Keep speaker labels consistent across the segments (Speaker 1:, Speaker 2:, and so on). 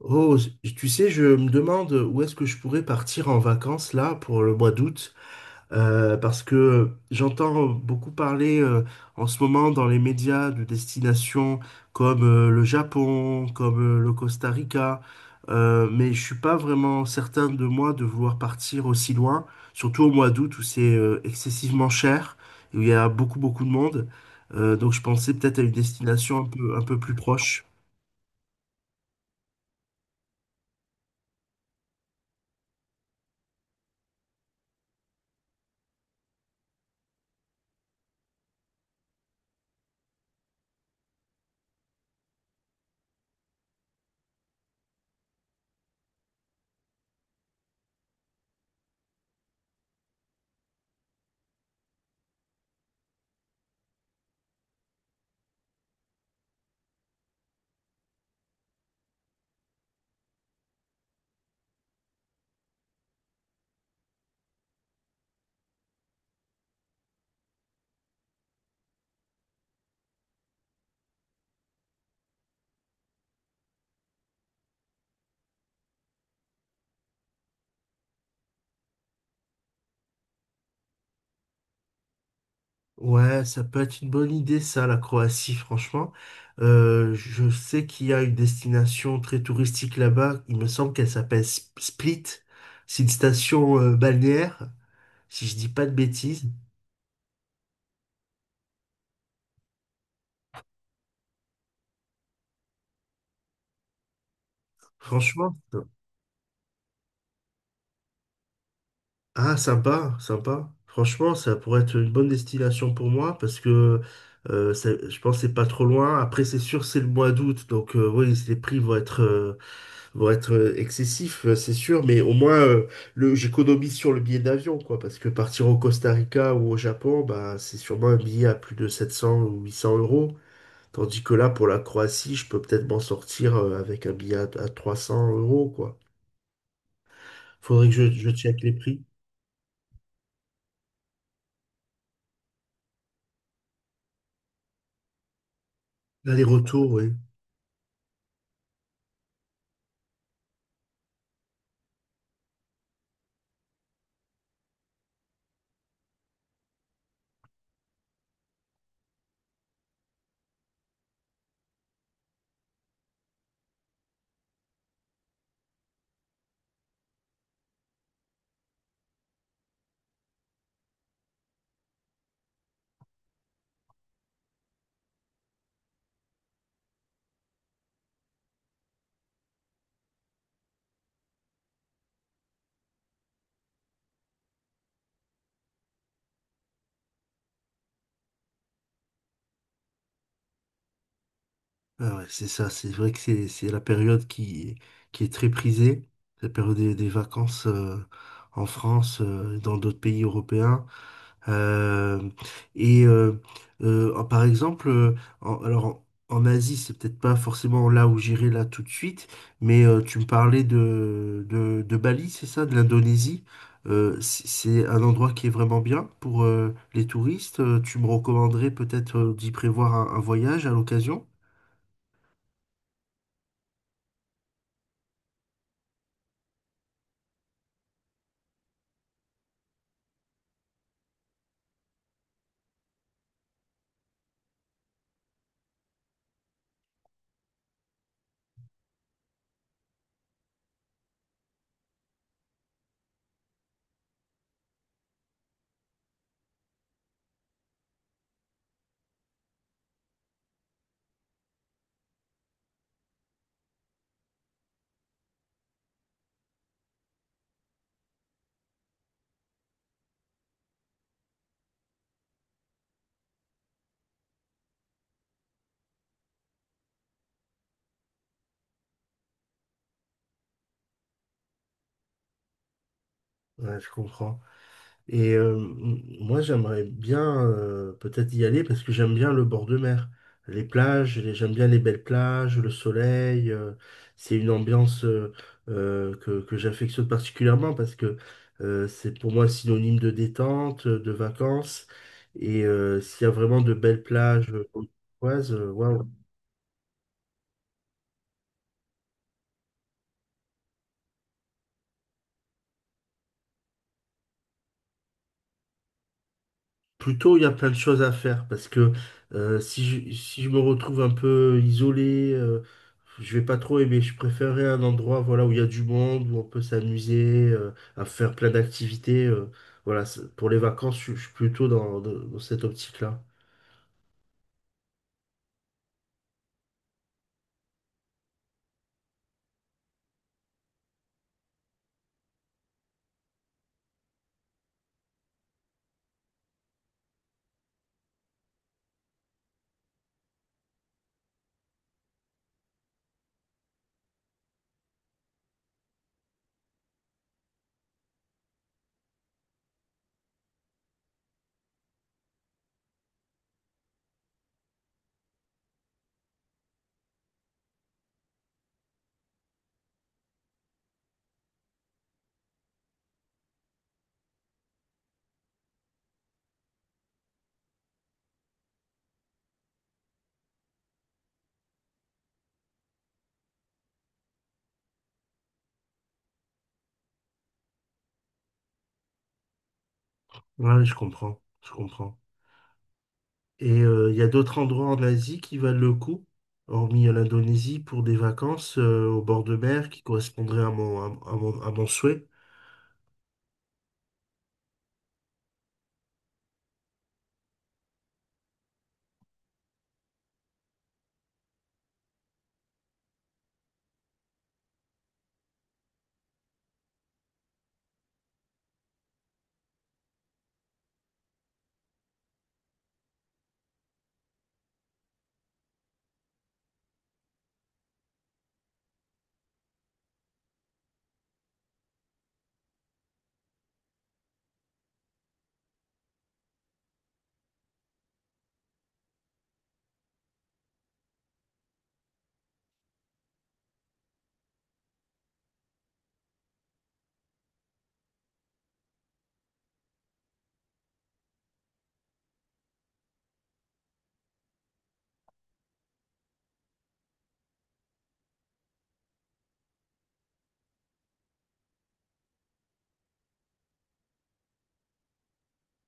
Speaker 1: Oh, tu sais, je me demande où est-ce que je pourrais partir en vacances là pour le mois d'août, parce que j'entends beaucoup parler en ce moment dans les médias de destinations comme le Japon, comme le Costa Rica, mais je suis pas vraiment certain de moi de vouloir partir aussi loin, surtout au mois d'août où c'est excessivement cher, où il y a beaucoup beaucoup de monde. Donc je pensais peut-être à une destination un peu plus proche. Ouais, ça peut être une bonne idée, ça, la Croatie, franchement. Je sais qu'il y a une destination très touristique là-bas. Il me semble qu'elle s'appelle Split. C'est une station balnéaire, si je dis pas de bêtises. Franchement, ah, sympa, sympa. Franchement, ça pourrait être une bonne destination pour moi parce que je pense que c'est pas trop loin. Après, c'est sûr, c'est le mois d'août, donc oui, les prix vont être pour être excessif, c'est sûr, mais au moins j'économise sur le billet d'avion, quoi, parce que partir au Costa Rica ou au Japon, bah, c'est sûrement un billet à plus de 700 ou 800 euros, tandis que là, pour la Croatie, je peux peut-être m'en sortir avec un billet à 300 euros, quoi. Faudrait que je check les prix. L'aller-retour, oui. Ah ouais, c'est ça, c'est vrai que c'est la période qui est très prisée, la période des vacances en France, dans d'autres pays européens. Euh, et euh, Par exemple, en- alors en en Asie, c'est peut-être pas forcément là où j'irai là tout de suite, mais tu me parlais de Bali, c'est ça, de l'Indonésie. C'est un endroit qui est vraiment bien pour les touristes. Tu me recommanderais peut-être d'y prévoir un voyage à l'occasion? Ouais, je comprends. Et moi, j'aimerais bien peut-être y aller parce que j'aime bien le bord de mer. Les plages, j'aime bien les belles plages, le soleil. C'est une ambiance que j'affectionne particulièrement parce que c'est pour moi synonyme de détente, de vacances. Et s'il y a vraiment de belles plages, comme waouh. Plutôt, il y a plein de choses à faire parce que si je, si je me retrouve un peu isolé, je vais pas trop aimer. Je préférerais un endroit voilà, où il y a du monde, où on peut s'amuser, à faire plein d'activités. Voilà, pour les vacances, je suis plutôt dans cette optique-là. Ouais, je comprends, je comprends. Et il y a d'autres endroits en Asie qui valent le coup, hormis l'Indonésie, pour des vacances au bord de mer qui correspondraient à mon, à mon souhait.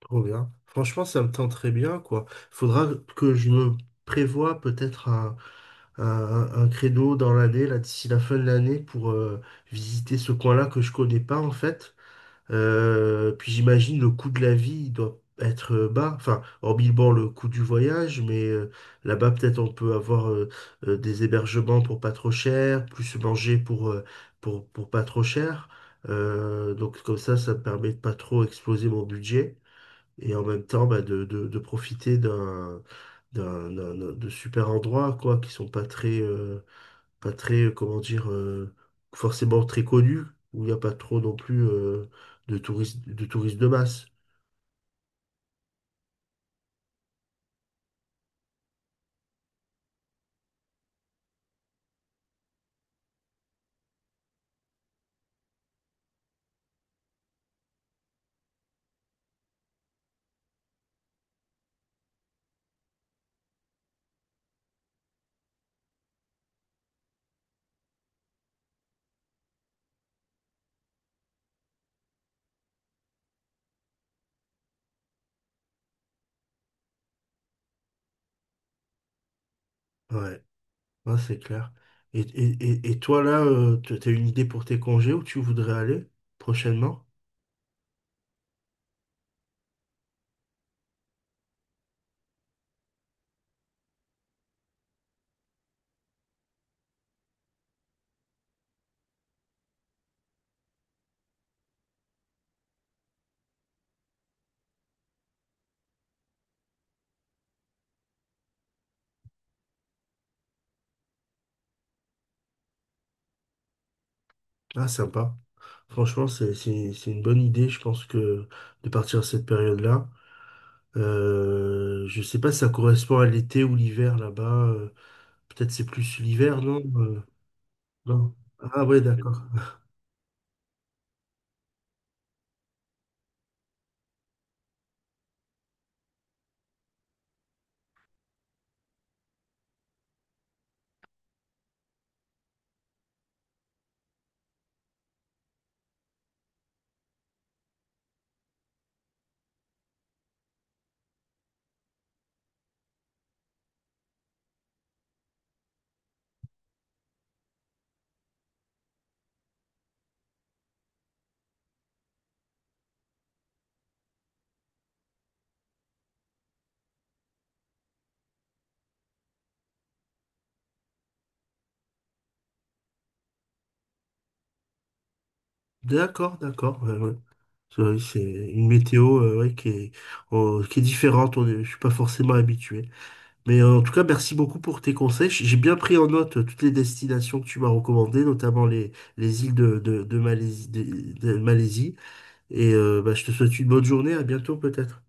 Speaker 1: Trop bien. Franchement, ça me tente très bien, quoi. Faudra que je me prévoie peut-être un, un créneau dans l'année, là, d'ici la fin de l'année, pour visiter ce coin-là que je connais pas, en fait. Puis j'imagine le coût de la vie, il doit être bas. Enfin, hormis, bon, le coût du voyage, mais là-bas, peut-être on peut avoir des hébergements pour pas trop cher, plus manger pour pas trop cher. Donc comme ça me permet de pas trop exploser mon budget et en même temps bah, de profiter d'un, de super endroits quoi qui sont pas très pas très comment dire forcément très connus où il n'y a pas trop non plus de touristes de masse. Ouais, ouais, c'est clair. Et, et toi là, tu as une idée pour tes congés où tu voudrais aller prochainement? Ah, sympa. Franchement, c'est une bonne idée, je pense que de partir à cette période-là. Je sais pas si ça correspond à l'été ou l'hiver là-bas. Peut-être c'est plus l'hiver, non? Non. Ah ouais, d'accord. D'accord, d'accord. Ouais, ouais. C'est vrai, c'est une météo ouais, qui est différente. Je suis pas forcément habitué. Mais en tout cas, merci beaucoup pour tes conseils. J'ai bien pris en note toutes les destinations que tu m'as recommandées, notamment les îles de Malaisie, de Malaisie. Et bah, je te souhaite une bonne journée. À bientôt peut-être.